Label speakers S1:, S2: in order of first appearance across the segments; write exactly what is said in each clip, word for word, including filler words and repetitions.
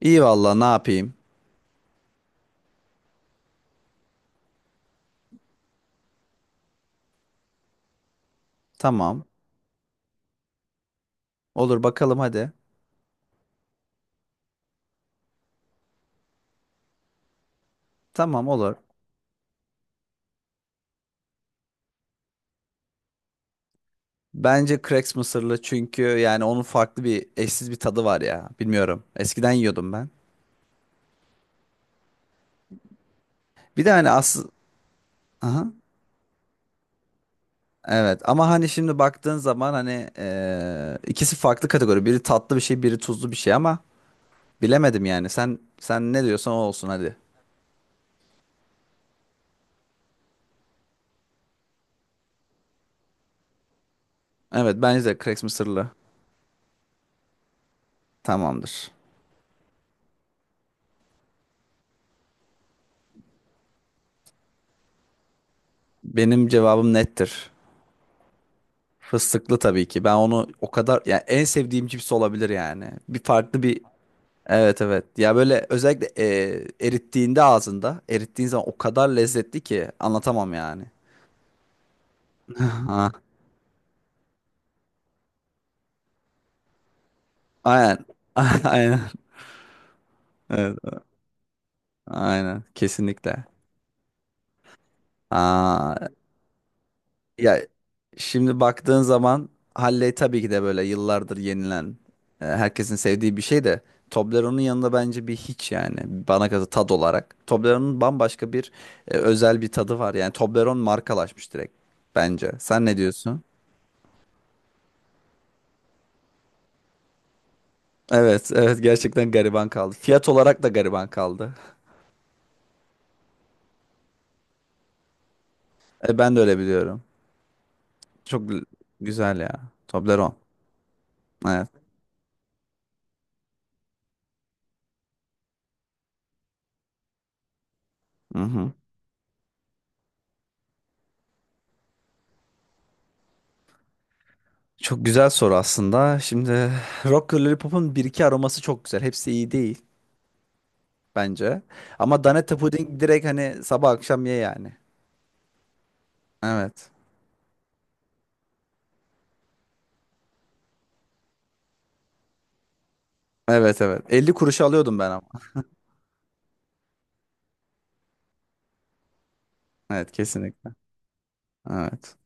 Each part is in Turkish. S1: İyi valla ne yapayım? Tamam. Olur bakalım hadi. Tamam olur. Bence Cracks mısırlı çünkü yani onun farklı bir eşsiz bir tadı var ya. Bilmiyorum. Eskiden yiyordum ben. Bir de hani asıl... Aha. Evet ama hani şimdi baktığın zaman hani eee, ikisi farklı kategori. Biri tatlı bir şey, biri tuzlu bir şey ama bilemedim yani. Sen sen ne diyorsan o olsun hadi. Evet bence de Cracks mısırlı. Tamamdır. Benim cevabım nettir. Fıstıklı tabii ki. Ben onu o kadar yani en sevdiğim cips olabilir yani. Bir farklı bir evet evet. Ya böyle özellikle e, erittiğinde ağzında erittiğin zaman o kadar lezzetli ki anlatamam yani. Ha. Aynen. Aynen. Evet, evet. Aynen. Kesinlikle. Aa. Ya şimdi baktığın zaman Halley tabii ki de böyle yıllardır yenilen, e, herkesin sevdiği bir şey de Toblerone'un yanında bence bir hiç yani bana kalırsa tad olarak. Toblerone'un bambaşka bir e, özel bir tadı var. Yani Toblerone markalaşmış direkt bence. Sen ne diyorsun? Evet, evet gerçekten gariban kaldı. Fiyat olarak da gariban kaldı. E, ben de öyle biliyorum. Çok l- Güzel ya. Toblerone. Evet. Mhm. Çok güzel soru aslında. Şimdi Rocker Lollipop'un bir iki aroması çok güzel. Hepsi iyi değil bence. Ama Danette Pudding direkt hani sabah akşam ye yani. Evet. Evet evet. Elli kuruşa alıyordum ben ama. Evet kesinlikle. Evet.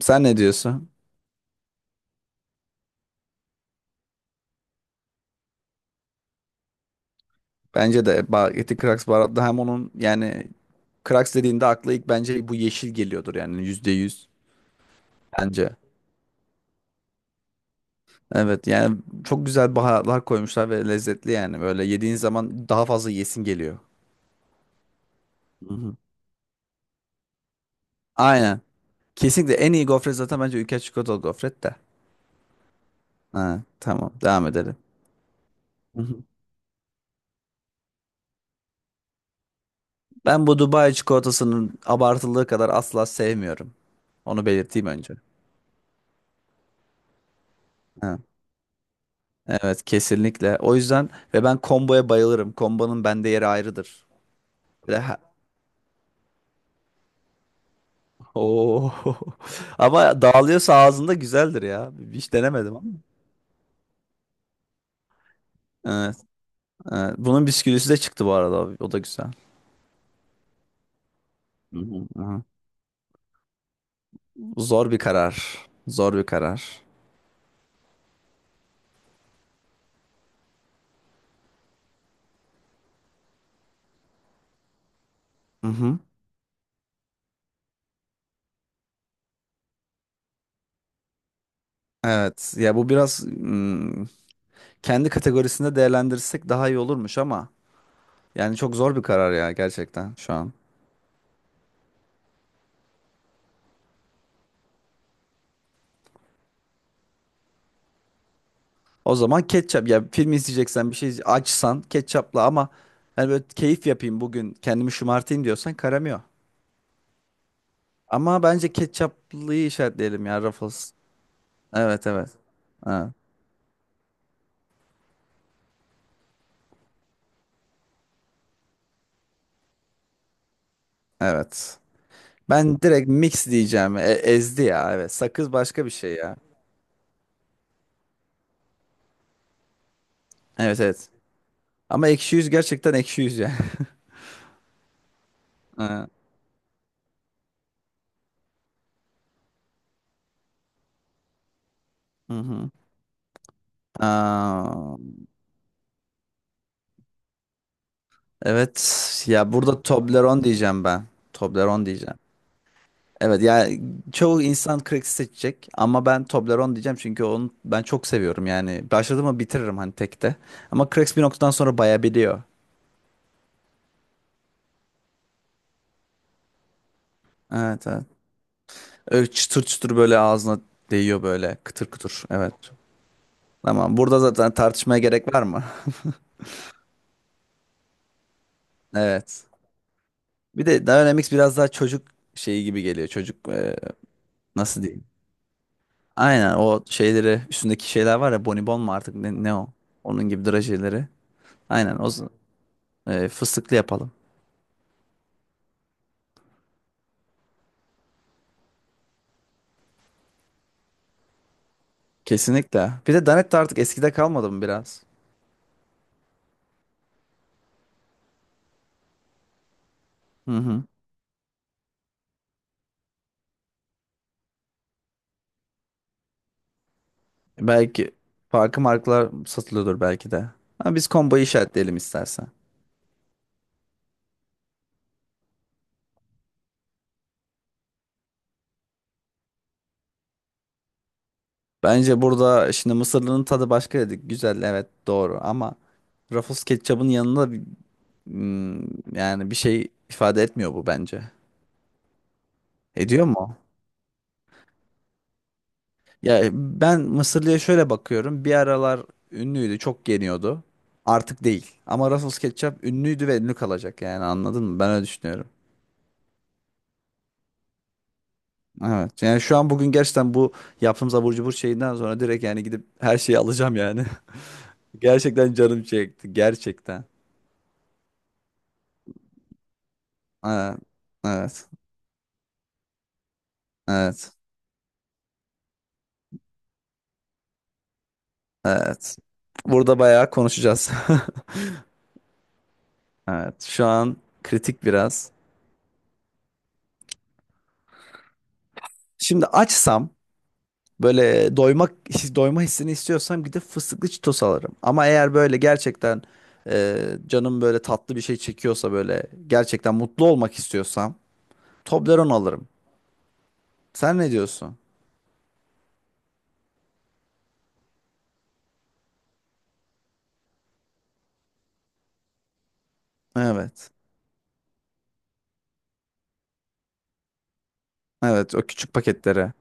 S1: Sen ne diyorsun? Bence de Bageti Kraks baharatlı hem onun yani Kraks dediğinde akla ilk bence bu yeşil geliyordur yani yüzde yüz bence. Evet yani çok güzel baharatlar koymuşlar ve lezzetli yani böyle yediğin zaman daha fazla yesin geliyor. Hı hı. Aynen. Kesinlikle en iyi gofret zaten bence ülke çikolatalı gofret de. Ha, tamam devam edelim. Hı hı. Ben bu Dubai çikolatasının abartıldığı kadar asla sevmiyorum. Onu belirteyim önce. Ha. Evet kesinlikle. O yüzden ve ben komboya bayılırım. Kombonun bende yeri ayrıdır. Ve ha- Oo. Ama dağılıyorsa ağzında güzeldir ya. Hiç denemedim ama. Evet, evet. Bunun bisküvisi de çıktı bu arada. O da güzel. Hı hı, hı Zor bir karar. Zor bir karar. Hı hı. Evet ya bu biraz hmm, kendi kategorisinde değerlendirirsek daha iyi olurmuş ama yani çok zor bir karar ya gerçekten şu an. O zaman ketçap ya film izleyeceksen bir şey izle- açsan ketçapla ama hani böyle keyif yapayım bugün kendimi şımartayım diyorsan karamıyor. Ama bence ketçaplıyı işaretleyelim ya Ruffles. Evet evet. Ha, evet. Ben direkt mix diyeceğim. E- ezdi ya evet. Sakız başka bir şey ya. Evet evet. Ama ekşi yüz gerçekten ekşi yüz ya. Ha. Hı hı. Aa, evet ya burada Toblerone diyeceğim ben. Toblerone diyeceğim. Evet ya çoğu insan Crex'i seçecek ama ben Toblerone diyeceğim çünkü onu ben çok seviyorum yani. Başladım mı bitiririm hani tekte. Ama Crex bir noktadan sonra bayabiliyor. Evet evet. Öyle çıtır çıtır böyle ağzına değiyor böyle kıtır kıtır. Evet. Tamam burada zaten tartışmaya gerek var mı? Evet. Bir de Dynamics biraz daha çocuk şeyi gibi geliyor. Çocuk e, nasıl diyeyim? Aynen o şeyleri üstündeki şeyler var ya bonibon mu artık ne, ne o? Onun gibi drajeleri. Aynen o z- e, Fıstıklı yapalım. Kesinlikle. Bir de Danette artık eskide kalmadı mı biraz? Hı hı. Belki farklı markalar satılıyordur belki de. Ama biz komboyu işaretleyelim istersen. Bence burada şimdi mısırlının tadı başka dedik. Güzel evet doğru ama Ruffles ketçabın yanında bir- hmm, yani bir şey ifade etmiyor bu bence. Ediyor mu? Ya e, ben Mısırlı'ya şöyle bakıyorum. Bir aralar ünlüydü, çok yeniyordu. Artık değil. Ama Russell Ketchup ünlüydü ve ünlü kalacak yani anladın mı? Ben öyle düşünüyorum. Evet. Yani şu an bugün gerçekten bu yaptığımız abur cubur şeyinden sonra direkt yani gidip her şeyi alacağım yani. Gerçekten canım çekti. Gerçekten. Evet. Evet. Evet. Evet. Burada bayağı konuşacağız. Evet. Şu an kritik biraz. Şimdi açsam böyle doymak doyma hissini istiyorsam gidip fıstıklı Cheetos alırım. Ama eğer böyle gerçekten e, canım böyle tatlı bir şey çekiyorsa böyle gerçekten mutlu olmak istiyorsam Toblerone alırım. Sen ne diyorsun? Evet. Evet o küçük paketlere.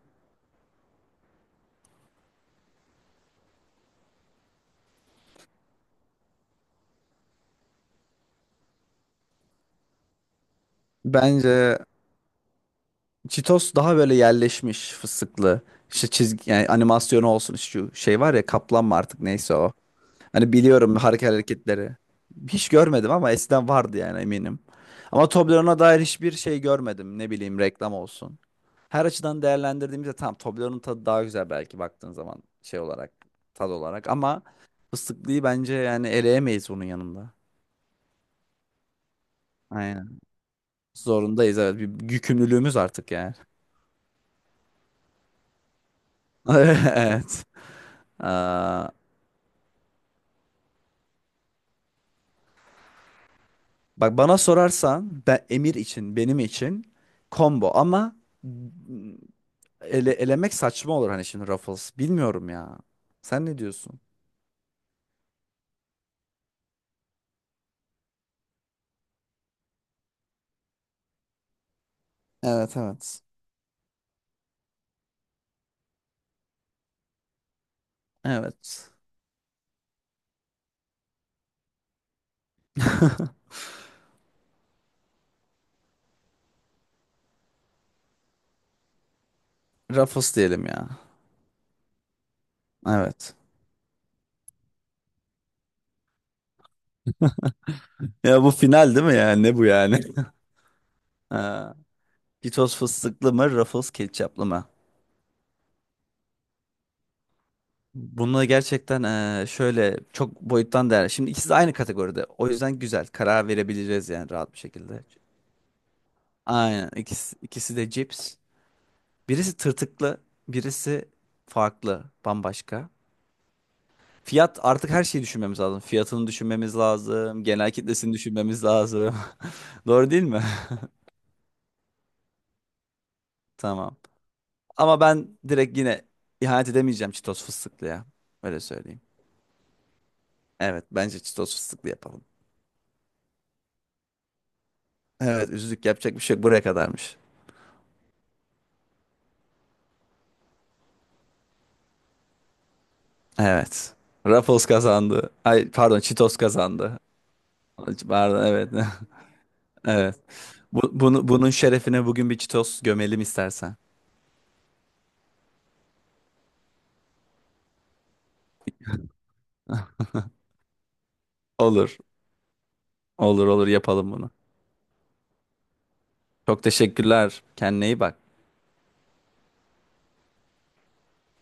S1: Bence Cheetos daha böyle yerleşmiş fıstıklı. İşte çizgi yani animasyonu olsun şu şey var ya kaplan mı artık neyse o. Hani biliyorum hareket hareketleri. Hiç görmedim ama eskiden vardı yani eminim. Ama Toblerone'a dair hiçbir şey görmedim. Ne bileyim reklam olsun. Her açıdan değerlendirdiğimizde tamam Toblerone'un tadı daha güzel belki baktığın zaman şey olarak tad olarak ama fıstıklıyı bence yani eleyemeyiz bunun yanında. Aynen. Zorundayız evet. Bir yükümlülüğümüz artık yani. Evet. Aa, bak bana sorarsan ben Emir için benim için combo ama ele, elemek saçma olur hani şimdi Ruffles. Bilmiyorum ya. Sen ne diyorsun? Evet evet. Evet. Ruffles diyelim ya. Evet. Ya bu final değil mi yani? Ne bu yani? Ha, Cheetos fıstıklı mı, Ruffles ketçaplı mı? Bunu gerçekten eee, şöyle çok boyuttan değerli. Şimdi ikisi de aynı kategoride. O yüzden güzel. Karar verebileceğiz yani rahat bir şekilde. Aynen. İkisi, ikisi de cips. Birisi tırtıklı, birisi farklı, bambaşka. Fiyat artık her şeyi düşünmemiz lazım. Fiyatını düşünmemiz lazım. Genel kitlesini düşünmemiz lazım. Doğru değil mi? Tamam. Ama ben direkt yine ihanet edemeyeceğim Çitos fıstıklıya. Öyle söyleyeyim. Evet bence Çitos fıstıklı yapalım. Evet üzüldük yapacak bir şey yok. Buraya kadarmış. Evet. Ruffles kazandı. Ay pardon Çitos kazandı. Pardon evet. Evet. Bu, bunu, bunun şerefine bugün bir Çitos gömelim istersen. Olur. Olur olur yapalım bunu. Çok teşekkürler. Kendine iyi bak.